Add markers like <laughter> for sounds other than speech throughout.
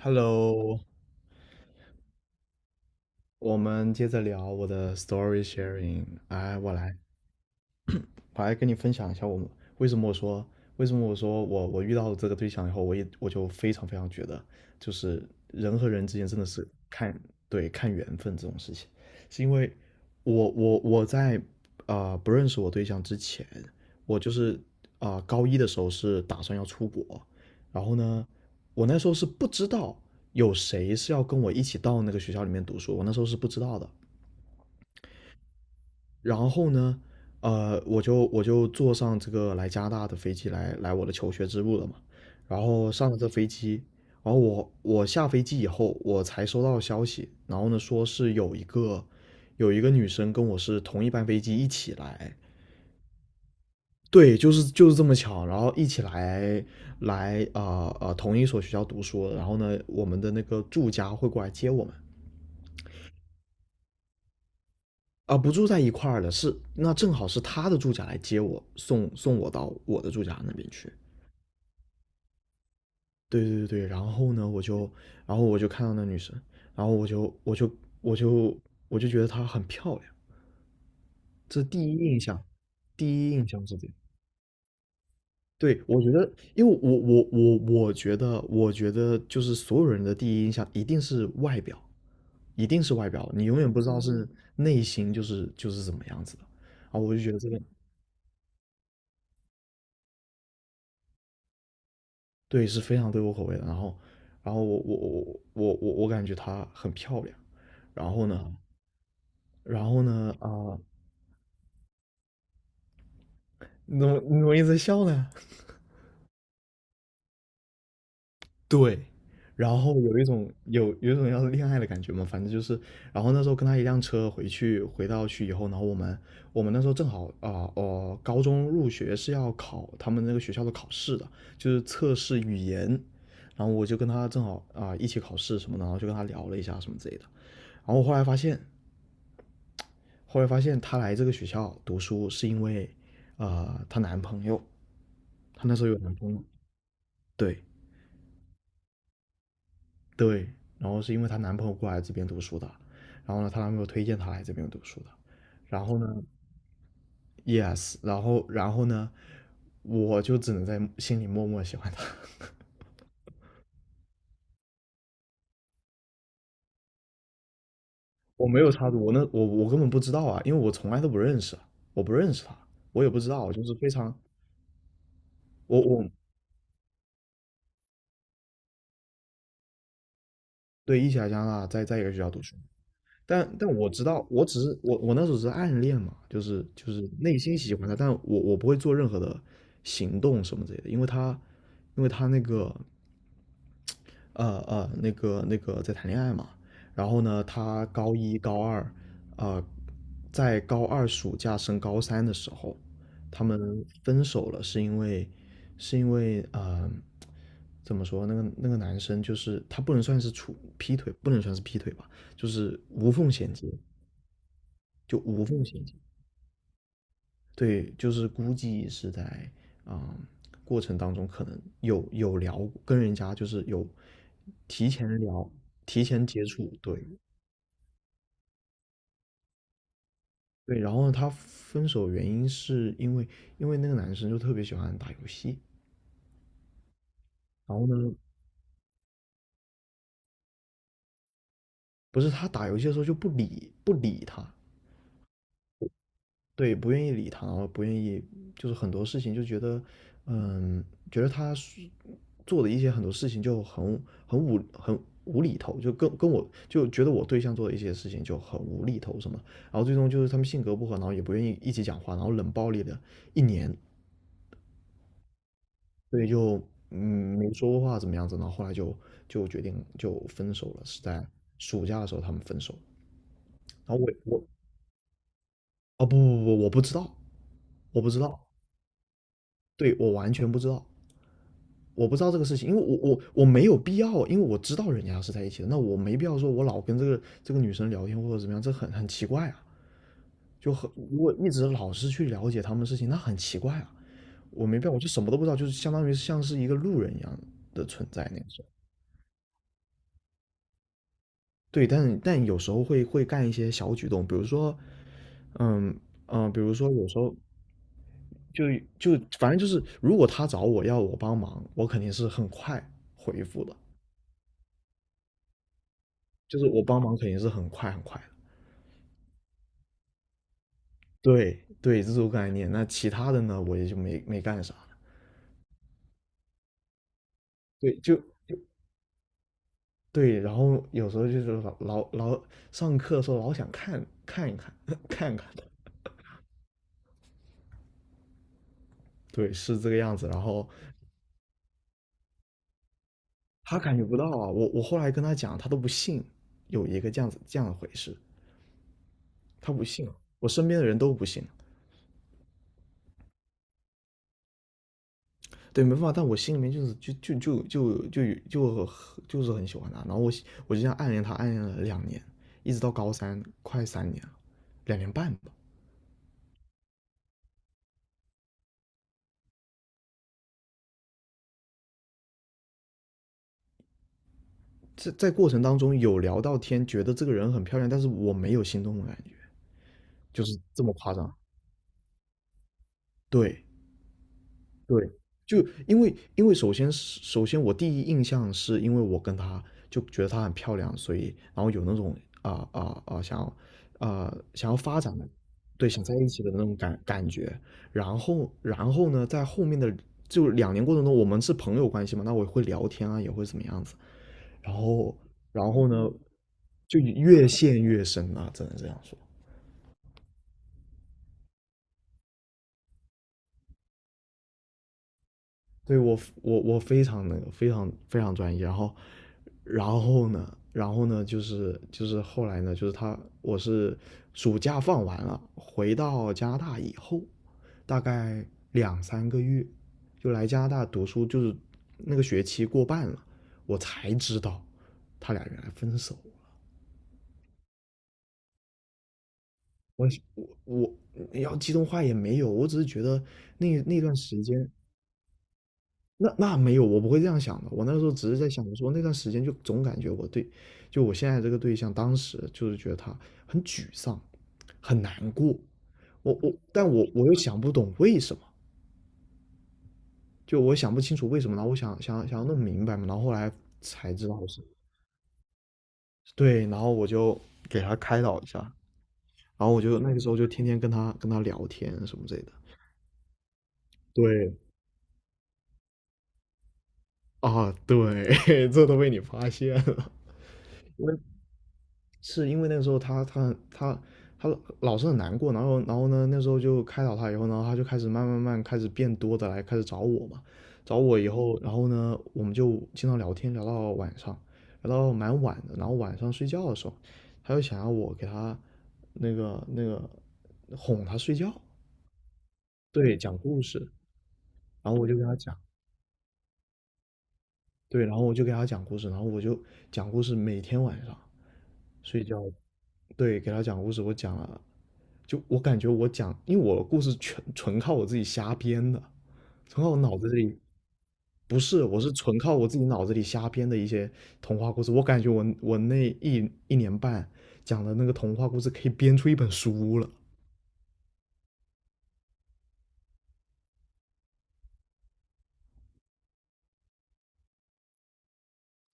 Hello，我们接着聊我的 story sharing。哎，我来跟你分享一下我们为什么我说为什么我说我遇到了这个对象以后，我就非常非常觉得，就是人和人之间真的是看，对，看缘分这种事情，是因为我在不认识我对象之前，我就是高一的时候是打算要出国，然后呢，我那时候是不知道有谁是要跟我一起到那个学校里面读书，我那时候是不知道的。然后呢，我就坐上这个来加拿大的飞机，来我的求学之路了嘛。然后上了这飞机，然后我下飞机以后，我才收到消息，然后呢说是有一个女生跟我是同一班飞机一起来，对，就是这么巧，然后一起来同一所学校读书，然后呢我们的那个住家会过来接我们。啊，不住在一块儿了，是那正好是他的住家来接我，送送我到我的住家那边去。对对对对，然后呢，我就，然后我就看到那女生，然后我就我就觉得她很漂亮，这是第一印象，第一印象是这样。对，我觉得，因为我觉得就是所有人的第一印象一定是外表，一定是外表，你永远不知道是内心就是怎么样子的。啊，我就觉得这个，对，是非常对我口味的。然后我感觉她很漂亮。然后呢，啊，然后呢啊、你怎么一直笑呢？<laughs> 对，然后有一种要恋爱的感觉嘛，反正就是，然后那时候跟他一辆车回去，回到去以后，然后我们那时候正好高中入学是要考他们那个学校的考试的，就是测试语言，然后我就跟他正好一起考试什么的，然后就跟他聊了一下什么之类的，然后我后来发现，她来这个学校读书是因为，她男朋友，她那时候有男朋友，对。对，然后是因为她男朋友过来这边读书的，然后呢，她男朋友推荐她来这边读书的，然后呢，yes，然后呢，我就只能在心里默默喜欢她。<laughs> 我没有插足，我那我我根本不知道啊，因为我从来都不认识，我不认识她，我也不知道，就是非常，我对，一起来加拿大，在一个学校读书，但我知道，我只是我那时候只是暗恋嘛，就是内心喜欢他，但我不会做任何的行动什么之类的，因为他那个那个在谈恋爱嘛，然后呢，他高一高二，呃，在高二暑假升高三的时候，他们分手了，是因为是因为呃怎么说那个男生就是他不能算是处劈腿，不能算是劈腿吧，就是无缝衔接。就无缝衔接，对，就是估计是在啊、过程当中可能有聊，跟人家就是有提前聊、提前接触，对。对，然后他分手原因是因为那个男生就特别喜欢打游戏，然后呢，不是他打游戏的时候就不理他，对，不愿意理他，然后不愿意，就是很多事情就觉得，嗯，觉得他是做的一些很多事情就很无厘头，就跟我就觉得我对象做的一些事情就很无厘头什么，然后最终就是他们性格不合，然后也不愿意一起讲话，然后冷暴力的1年，所以就嗯没说过话怎么样子，然后后来就就决定就分手了，是在暑假的时候他们分手，然后我哦，不不不，我不知道，我不知道对，我完全不知道。我不知道这个事情，因为我没有必要，因为我知道人家是在一起的，那我没必要说我老跟这个女生聊天或者怎么样，这很很奇怪啊，就很，如果一直老是去了解他们的事情，那很奇怪啊，我没必要，我就什么都不知道，就是相当于像是一个路人一样的存在那种。对，但有时候会干一些小举动，比如说，嗯比如说有时候就反正就是，如果他找我要我帮忙，我肯定是很快回复的，就是我帮忙肯定是很快很快的。对对，这种概念。那其他的呢，我也就没没干啥了。对，就对。然后有时候就是老上课的时候老想看看一看 <laughs> 看看的，对，是这个样子。然后他感觉不到啊，我后来跟他讲，他都不信有一个这样子这样的回事，他不信啊，我身边的人都不信，对，没办法。但我心里面就是很喜欢他。然后我就这样暗恋他，暗恋了2年，一直到高三，快3年了，2年半吧。在过程当中有聊到天，觉得这个人很漂亮，但是我没有心动的感觉，就是这么夸张。对，对，就因为，首先我第一印象是因为我跟她就觉得她很漂亮，所以然后有那种啊啊啊想要想要发展的，对，想在一起的那种感觉。然后呢，在后面的就2年过程中，我们是朋友关系嘛，那我也会聊天啊，也会怎么样子。然后然后呢，就越陷越深啊，只能这样说。对，我非常那个非常非常专业，然后然后呢，然后呢就是后来呢，就是我是暑假放完了，回到加拿大以后，大概2、3个月就来加拿大读书，就是那个学期过半了，我才知道他俩原来分手。我我我要激动话也没有，我只是觉得那段时间。那没有，我不会这样想的。我那时候只是在想，我说那段时间就总感觉我对，就我现在这个对象，当时就是觉得他很沮丧，很难过。但我又想不懂为什么，就我想不清楚为什么。然后我想要弄明白嘛，然后后来才知道是。对，然后我就给他开导一下，然后我就那个时候就天天跟他聊天什么之类的。对啊，对。<laughs> 这都被你发现了。<laughs> 是因为那个时候他他老是很难过，然后呢，那时候就开导他以后，然后他就开始慢开始变多的来开始找我嘛，找我以后，然后呢，我们就经常聊天，聊到晚上，聊到蛮晚的，然后晚上睡觉的时候，他就想要我给他那个哄他睡觉，对，讲故事，然后我就给他讲，对，然后我就给他讲故事，然后我就讲故事，每天晚上睡觉，对，给他讲故事，我感觉我讲，因为我的故事全纯靠我自己瞎编的，纯靠我脑子里，不是，我是纯靠我自己脑子里瞎编的一些童话故事。我感觉我那1年半讲的那个童话故事可以编出一本书了。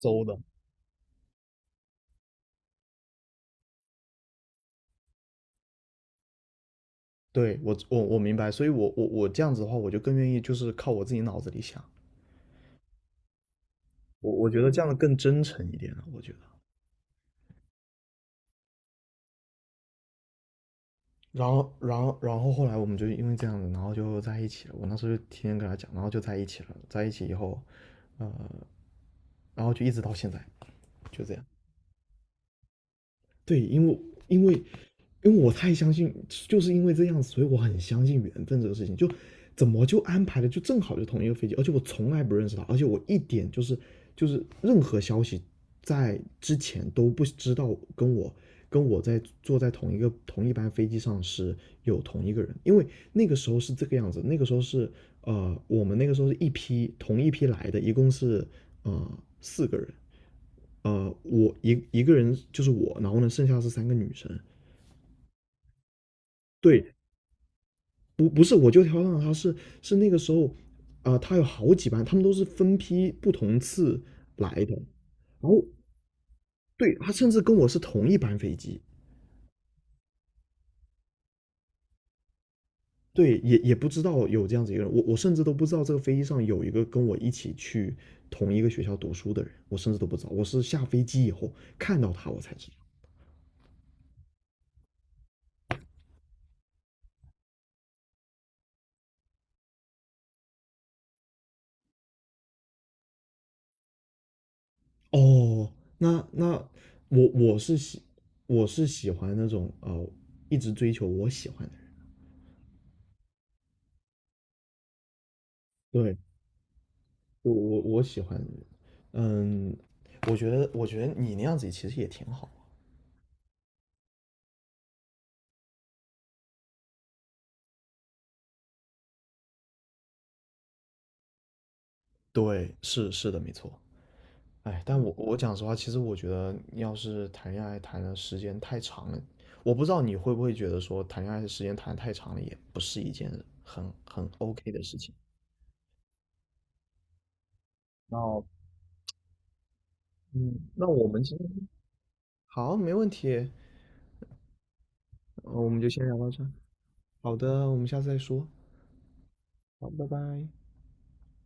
周的。对，我明白，所以我这样子的话，我就更愿意就是靠我自己脑子里想，我觉得这样的更真诚一点了，我觉得。然后后来我们就因为这样子，然后就在一起了。我那时候就天天跟他讲，然后就在一起了，在一起以后，然后就一直到现在。就这样。对，因为因为我太相信，就是因为这样子，所以我很相信缘分这个事情。就怎么就安排的就正好就同一个飞机，而且我从来不认识他，而且我一点就是任何消息在之前都不知道跟我在坐在同一个同一班飞机上是有同一个人，因为那个时候是这个样子，那个时候是呃我们那个时候是一批同一批来的，一共是四个人，我一个人就是我，然后呢，剩下是三个女生。对，不是，我就挑上了她，是是那个时候，她有好几班，她们都是分批不同次来的。然后对，她甚至跟我是同一班飞机。对，也不知道有这样子一个人，我甚至都不知道这个飞机上有一个跟我一起去同一个学校读书的人，我甚至都不知道，我是下飞机以后看到他我才知道。哦，那我我是喜我是喜欢那种，一直追求我喜欢的人。对，我喜欢的人。嗯，我觉得你那样子其实也挺好。对，是的，没错。哎，但我讲实话，其实我觉得要是谈恋爱谈的时间太长了，我不知道你会不会觉得说谈恋爱的时间谈得太长了，也不是一件很OK 的事情。那嗯，那我们今天好，没问题。我们就先聊到这儿好的，我们下次再说。好，拜拜。